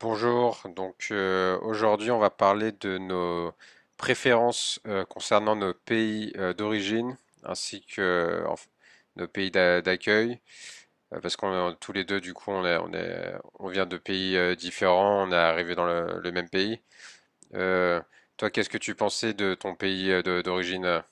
Bonjour, aujourd'hui on va parler de nos préférences concernant nos pays d'origine ainsi que euh, enf- nos pays d'accueil. Parce qu'on est tous les deux, on vient de pays différents, on est arrivé dans le même pays. Euh, Toi, qu'est-ce que tu pensais de ton pays d'origine?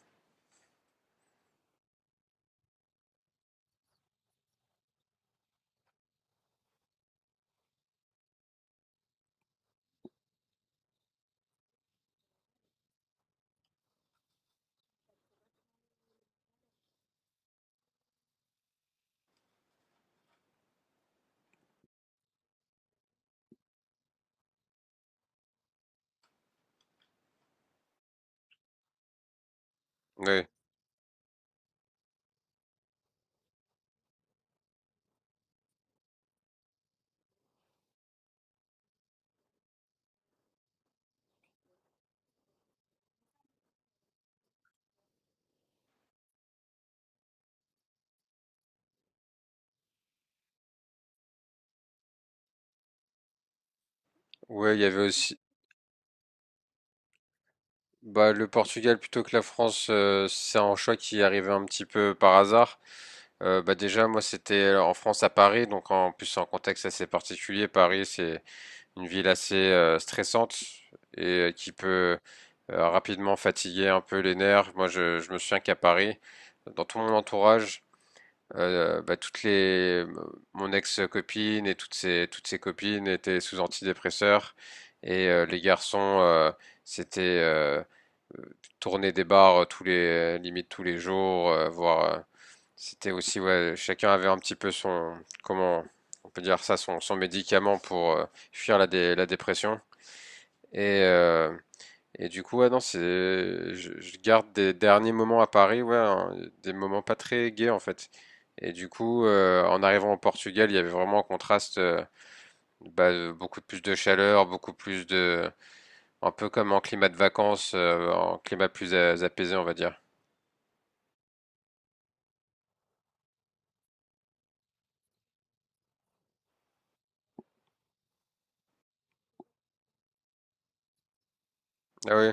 Oui, ouais, il y avait aussi. Bah, le Portugal plutôt que la France, c'est un choix qui est arrivé un petit peu par hasard. Bah déjà, moi, c'était en France à Paris, donc en plus, c'est un contexte assez particulier. Paris, c'est une ville assez stressante et qui peut rapidement fatiguer un peu les nerfs. Moi, je me souviens qu'à Paris, dans tout mon entourage, bah, toutes les, mon ex-copine et toutes ses copines étaient sous antidépresseurs, et les garçons c'était euh, tourner des bars tous les, limite tous les jours, voire c'était aussi, ouais, chacun avait un petit peu son, comment on peut dire ça, son médicament pour fuir la dépression. Et euh, et du coup, ouais, non, c'est, je garde des derniers moments à Paris, ouais, hein, des moments pas très gais en fait. Et du coup, en arrivant au Portugal, il y avait vraiment un contraste, beaucoup plus de chaleur, beaucoup plus de, un peu comme en climat de vacances, en climat plus apaisé, on va dire. Ah oui,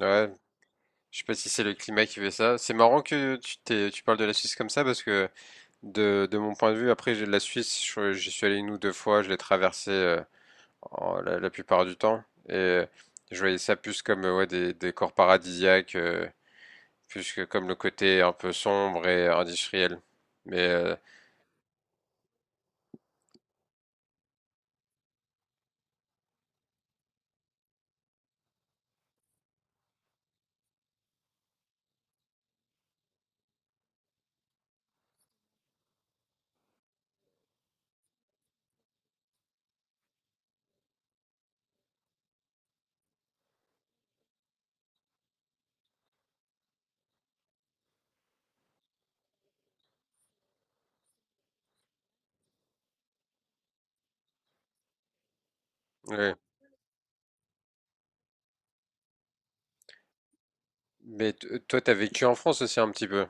ouais. Je sais pas si c'est le climat qui fait ça. C'est marrant que tu t'es, tu parles de la Suisse comme ça, parce que de mon point de vue, après, j'ai de la Suisse, j'y suis allé une ou deux fois, je l'ai traversé la, la plupart du temps. Et je voyais ça plus comme ouais, des décors paradisiaques, plus que comme le côté un peu sombre et industriel. Mais, ouais. Mais toi, t'as vécu en France aussi un petit peu.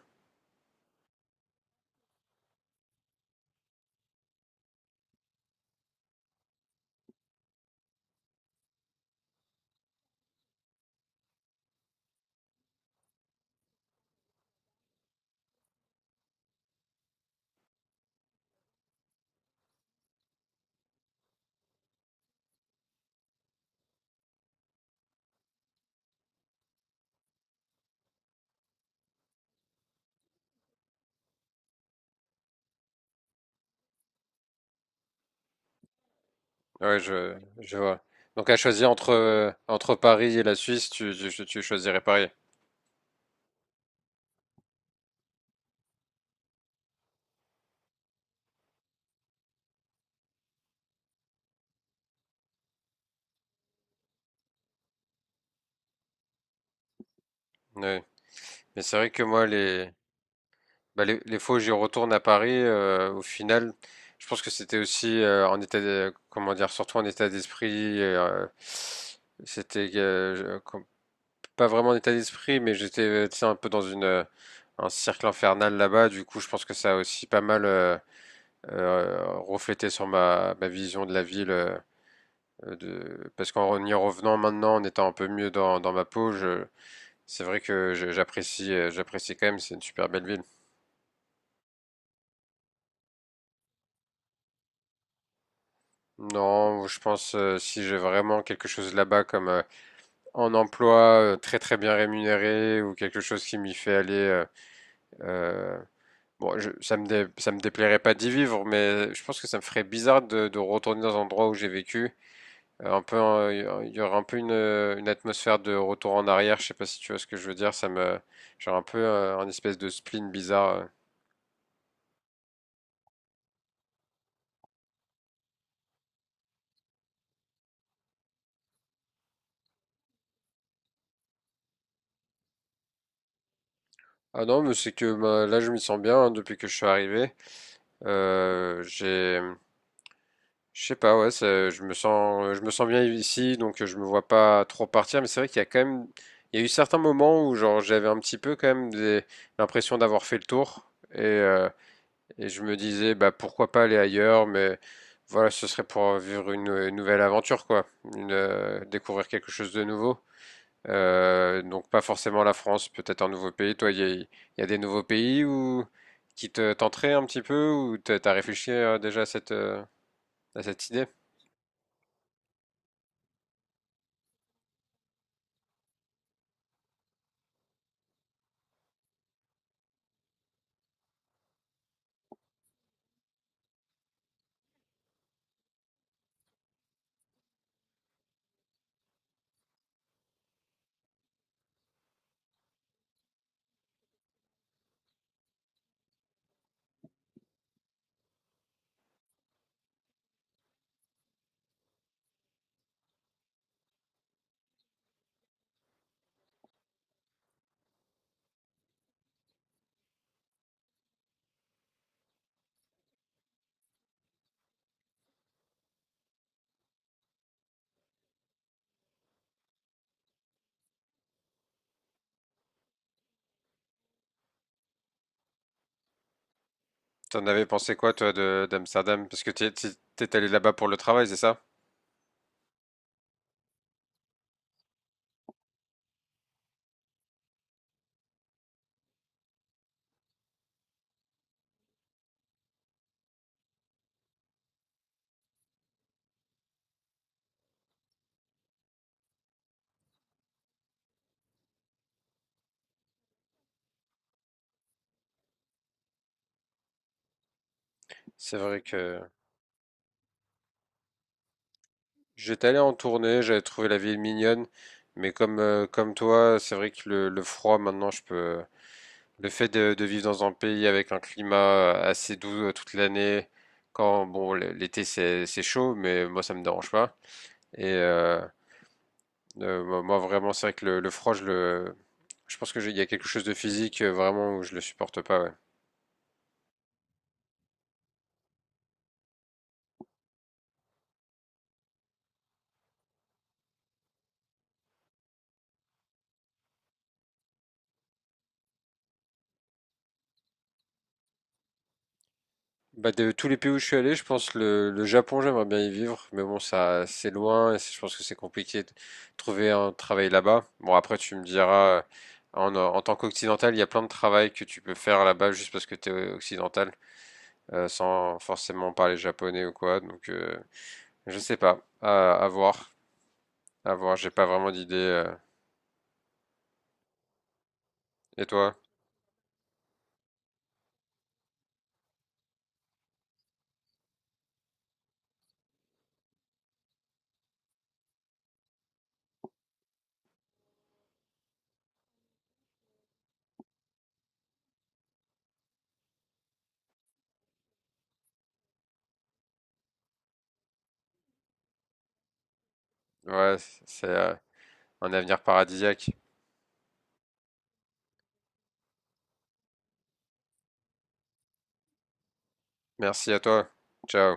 Ouais, je vois. Donc à choisir entre, entre Paris et la Suisse, tu choisirais Paris. Ouais. Mais c'est vrai que moi, les, bah, les fois où j'y retourne à Paris, au final, je pense que c'était aussi en état, comment dire, surtout en état d'esprit. C'était euh, je- com- Pas vraiment en état d'esprit, mais j'étais tu sais, un peu dans une un cercle infernal là-bas. Du coup, je pense que ça a aussi pas mal reflété sur ma vision de la ville. De... Parce qu'en y revenant maintenant, en étant un peu mieux dans ma peau, je... c'est vrai que j'apprécie j'apprécie quand même. C'est une super belle ville. Non, je pense, si j'ai vraiment quelque chose là-bas comme en emploi très très bien rémunéré, ou quelque chose qui m'y fait aller, euh, bon, ça me déplairait pas d'y vivre, mais je pense que ça me ferait bizarre de retourner dans un endroit où j'ai vécu. Euh, un peu, euh, il y aura un peu une atmosphère de retour en arrière. Je sais pas si tu vois ce que je veux dire. Ça me, genre un peu un espèce de spleen bizarre. Ah non, mais c'est que bah, là je m'y sens bien, hein, depuis que je suis arrivé. J'ai, je sais pas, ouais, ça- je me sens bien ici, donc je me vois pas trop partir. Mais c'est vrai qu'il y a quand même, il y a eu certains moments où genre j'avais un petit peu quand même des- l'impression d'avoir fait le tour, et, euh, et je me disais bah pourquoi pas aller ailleurs, mais voilà, ce serait pour vivre une nouvelle aventure quoi, découvrir quelque chose de nouveau. Donc pas forcément la France, peut-être un nouveau pays. Toi, il y a des nouveaux pays où, qui te tenteraient un petit peu, ou t'as réfléchi déjà à à cette idée? T'en avais pensé quoi, toi, de d'Amsterdam? Parce que t'es allé là-bas pour le travail, c'est ça? C'est vrai que j'étais allé en tournée, j'avais trouvé la ville mignonne, mais comme, comme toi, c'est vrai que le froid, maintenant, je peux. Le fait de vivre dans un pays avec un climat assez doux toute l'année, quand, bon, l'été, c'est chaud, mais moi, ça me dérange pas. Et euh, Moi, moi, vraiment, c'est vrai que le froid, je pense que il y a quelque chose de physique vraiment où je le supporte pas. Ouais. Bah, de tous les pays où je suis allé, je pense le Japon, j'aimerais bien y vivre, mais bon, ça, c'est loin, et je pense que c'est compliqué de trouver un travail là-bas. Bon, après, tu me diras, en tant qu'occidental, il y a plein de travail que tu peux faire là-bas juste parce que tu es occidental, sans forcément parler japonais ou quoi. Donc, je sais pas, à voir, à voir. J'ai pas vraiment d'idée. Et toi? Ouais, c'est. Un avenir paradisiaque. Merci à toi. Ciao.